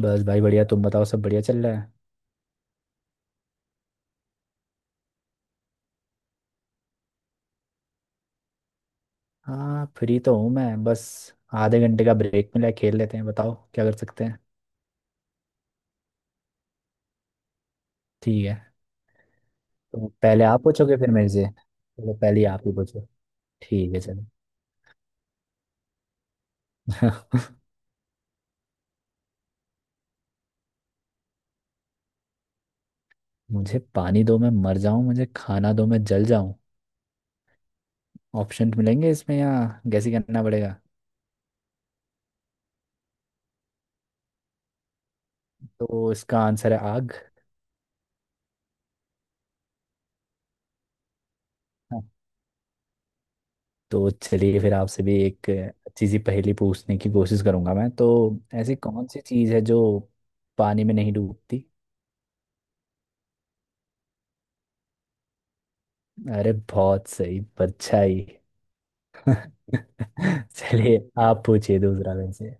बस भाई बढ़िया। तुम बताओ सब बढ़िया चल रहा है। हाँ फ्री तो हूँ मैं। बस आधे घंटे का ब्रेक मिला है, खेल लेते हैं। बताओ क्या कर सकते हैं। ठीक है, तो पहले आप पूछोगे फिर मेरे से। चलो पहले आप ही पूछो। ठीक है चलो। मुझे पानी दो मैं मर जाऊं, मुझे खाना दो मैं जल जाऊं। ऑप्शन मिलेंगे इसमें या गैस ही करना पड़ेगा। तो इसका आंसर है आग। हाँ। तो चलिए फिर आपसे भी एक अच्छी सी पहेली पूछने की कोशिश करूंगा मैं तो। ऐसी कौन सी चीज़ है जो पानी में नहीं डूबती। अरे बहुत सही, परछाई। चलिए आप पूछिए दूसरा वैसे।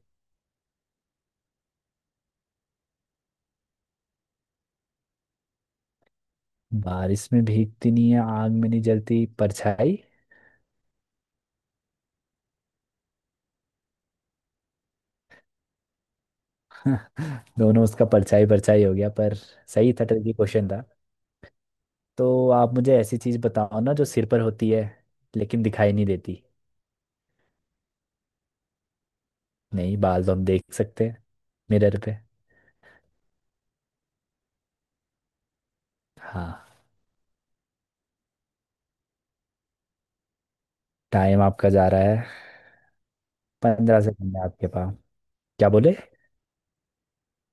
बारिश में भीगती नहीं है, आग में नहीं जलती, परछाई। दोनों उसका परछाई परछाई हो गया पर सही था। ट्रिकी क्वेश्चन था। तो आप मुझे ऐसी चीज बताओ ना जो सिर पर होती है लेकिन दिखाई नहीं देती। नहीं, बाल तो हम देख सकते हैं मिरर पे। हाँ। टाइम आपका जा रहा है। 15 सेकंड है आपके पास। क्या बोले।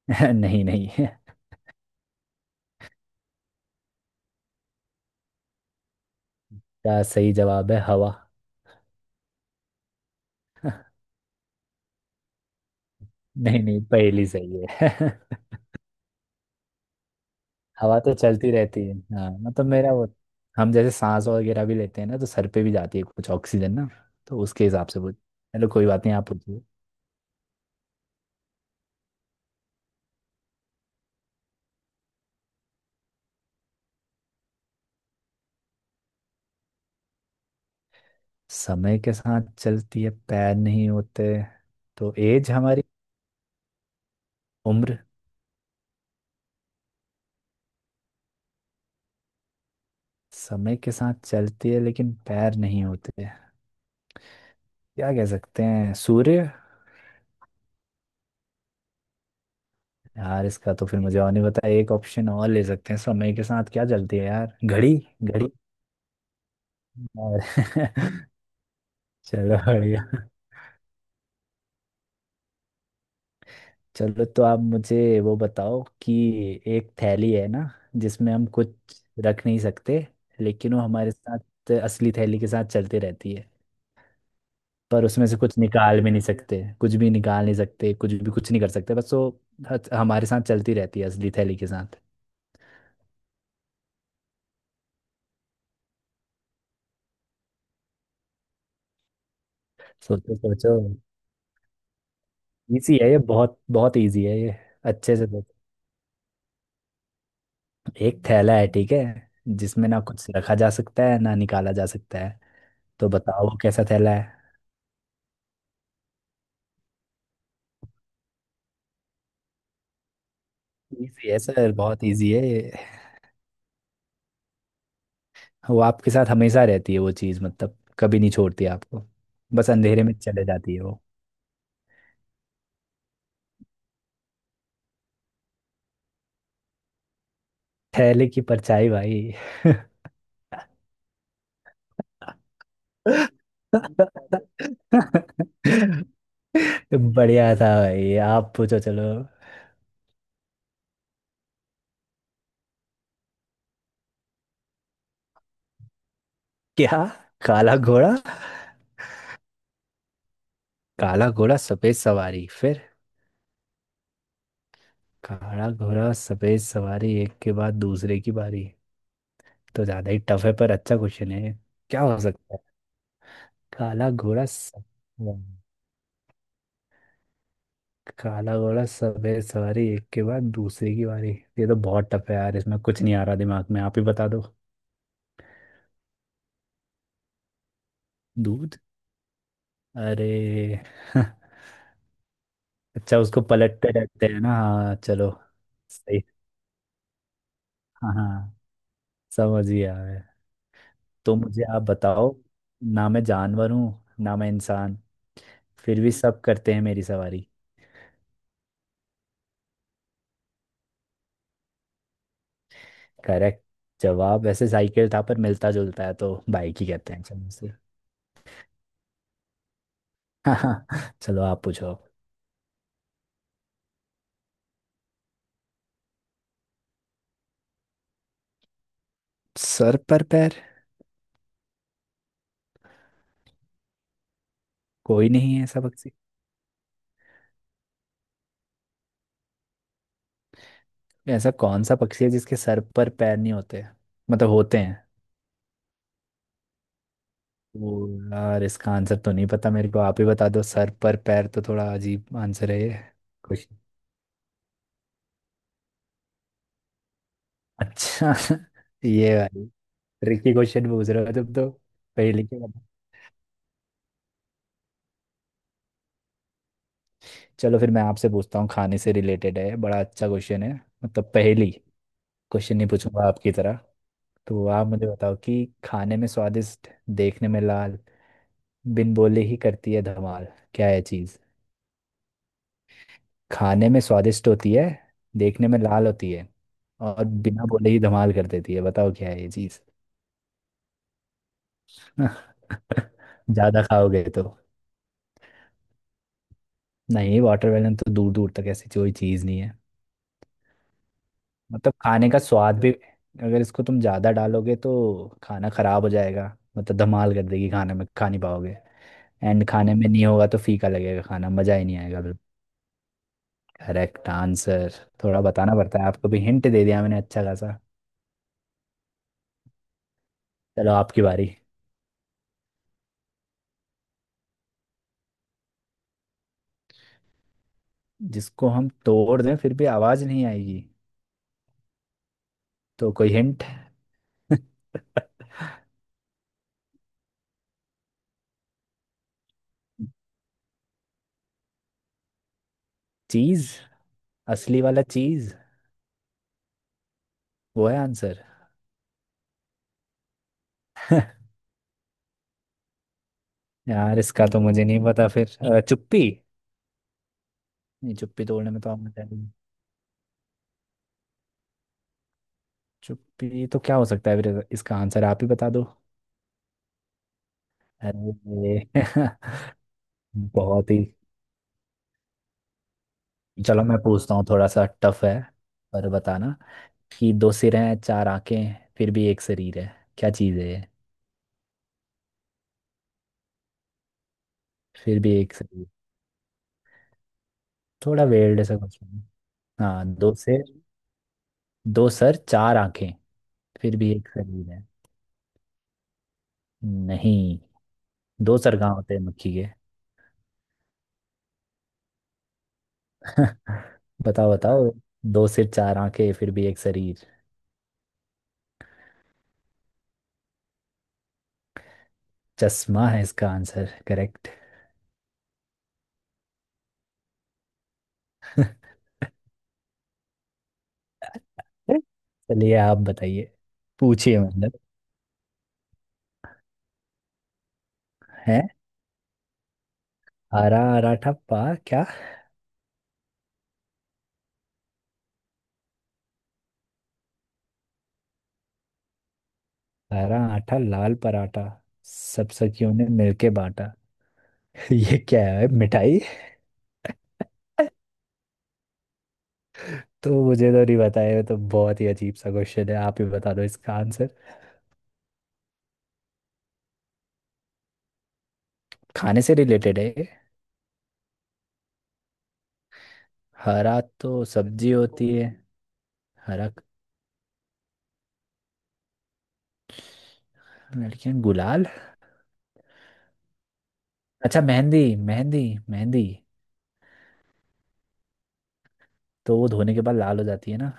नहीं नहीं। क्या सही जवाब है, हवा। नहीं नहीं, पहली सही है। हवा तो चलती रहती है। हाँ मतलब मेरा वो, हम जैसे सांस वगैरह भी लेते हैं ना तो सर पे भी जाती है कुछ ऑक्सीजन ना। तो उसके हिसाब से पूछ। चलो कोई बात नहीं, आप पूछिए। समय के साथ चलती है, पैर नहीं होते, तो एज हमारी, उम्र। समय के साथ चलती है लेकिन पैर नहीं होते, क्या कह सकते हैं, सूर्य। यार इसका तो फिर मुझे और नहीं पता। एक ऑप्शन और ले सकते हैं, समय के साथ क्या चलती है, यार घड़ी। घड़ी और चलो बढ़िया। चलो तो आप मुझे वो बताओ कि एक थैली है ना जिसमें हम कुछ रख नहीं सकते, लेकिन वो हमारे साथ असली थैली के साथ चलते रहती है। पर उसमें से कुछ निकाल भी नहीं सकते, कुछ भी निकाल नहीं सकते, कुछ भी कुछ नहीं कर सकते, बस वो हमारे साथ चलती रहती है असली थैली के साथ। सोचो सोचो। इजी है ये, बहुत बहुत इजी है ये। अच्छे से सोचो। एक थैला है, ठीक है, जिसमें ना कुछ रखा जा सकता है ना निकाला जा सकता है। तो बताओ वो कैसा थैला है। इजी है सर, बहुत इजी है। वो आपके साथ हमेशा रहती है वो चीज़, मतलब कभी नहीं छोड़ती आपको। बस अंधेरे में चले जाती है वो। थैले की परछाई भाई। बढ़िया था भाई, आप पूछो चलो। क्या। काला घोड़ा। काला घोड़ा सफेद सवारी फिर। काला घोड़ा सफेद सवारी, एक के बाद दूसरे की बारी। तो ज्यादा ही टफ है पर अच्छा क्वेश्चन है ये। क्या हो सकता है। काला घोड़ा सफेद। काला घोड़ा सफेद सवारी एक के बाद दूसरे की बारी। ये तो बहुत टफ है यार, इसमें कुछ नहीं आ रहा दिमाग में, आप ही बता दो। दूध। अरे। अच्छा, उसको पलटते रहते हैं ना। हाँ चलो। सही। हाँ हाँ। समझ गया मैं। तो मुझे आप बताओ। ना मैं जानवर हूँ ना मैं इंसान, फिर भी सब करते हैं मेरी सवारी। करेक्ट। जवाब वैसे साइकिल था पर मिलता जुलता है तो बाइक ही कहते हैं चलो इसे। चलो आप पूछो अब। सर पर पैर। कोई नहीं है ऐसा पक्षी। ऐसा कौन सा पक्षी है जिसके सर पर पैर नहीं होते, मतलब होते हैं। ओ। यार इसका आंसर तो नहीं पता मेरे को, आप ही बता दो। सर पर पैर तो थोड़ा अजीब आंसर है ये। कुछ। अच्छा। ये भाई ट्रिकी क्वेश्चन पूछ रहे हो तुम तो। पहेली के बता। चलो फिर मैं आपसे पूछता हूँ, खाने से रिलेटेड है, बड़ा अच्छा क्वेश्चन है, मतलब पहेली। क्वेश्चन नहीं पूछूंगा आपकी तरह। तो आप मुझे बताओ कि खाने में स्वादिष्ट, देखने में लाल, बिन बोले ही करती है धमाल, क्या है चीज? खाने में स्वादिष्ट होती है, देखने में लाल होती है, और बिना बोले ही धमाल कर देती है। बताओ क्या है ये चीज। ज्यादा खाओगे तो। नहीं, वाटरमेलन तो दूर दूर तक ऐसी कोई चीज नहीं है। मतलब खाने का स्वाद भी, अगर इसको तुम ज्यादा डालोगे तो खाना खराब हो जाएगा, मतलब धमाल कर देगी, खाने में खा नहीं पाओगे। एंड खाने में नहीं होगा तो फीका लगेगा खाना, मजा ही नहीं आएगा। Correct answer. थोड़ा बताना पड़ता है, आपको भी हिंट दे दिया मैंने अच्छा खासा। चलो आपकी बारी। जिसको हम तोड़ दें फिर भी आवाज नहीं आएगी। तो कोई हिंट। चीज। असली वाला चीज वो है आंसर। यार इसका तो मुझे नहीं पता फिर। चुप्पी। नहीं चुप्पी तोड़ने में तो आप मजा नहीं। चुप्पी तो, क्या हो सकता है फिर, इसका आंसर आप ही बता दो। अरे। बहुत ही। चलो मैं पूछता हूँ, थोड़ा सा टफ है पर बताना, कि दो सिर हैं चार आंखें हैं, फिर भी एक शरीर है। क्या चीज है ये? फिर भी एक शरीर। थोड़ा वेल्ड सा कुछ। हाँ दो सिर। दो सर चार आंखें, फिर भी एक शरीर है। नहीं। दो सर कहाँ होते हैं मक्खी के। बताओ बताओ। दो सिर चार आंखें फिर भी एक शरीर। चश्मा है इसका आंसर, करेक्ट। चलिए आप बताइए। पूछिए मतलब। है हरा आराठा पा। क्या। हरा आटा लाल पराठा, सब सखियों ने मिलके बांटा। ये क्या है, मिठाई। तो मुझे तो नहीं बताया, तो बहुत ही अजीब सा क्वेश्चन है, आप ही बता दो इसका आंसर। खाने से रिलेटेड है। हरा तो सब्जी होती है। हरा। लड़कियां गुलाल। अच्छा मेहंदी। मेहंदी। मेहंदी। तो वो धोने के बाद लाल हो जाती है ना।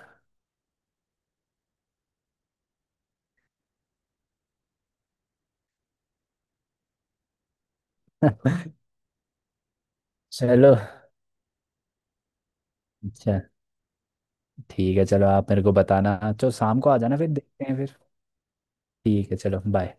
चलो। अच्छा। ठीक है चलो। आप मेरे को बताना, चलो शाम को आ जाना फिर देखते हैं फिर। ठीक है चलो बाय।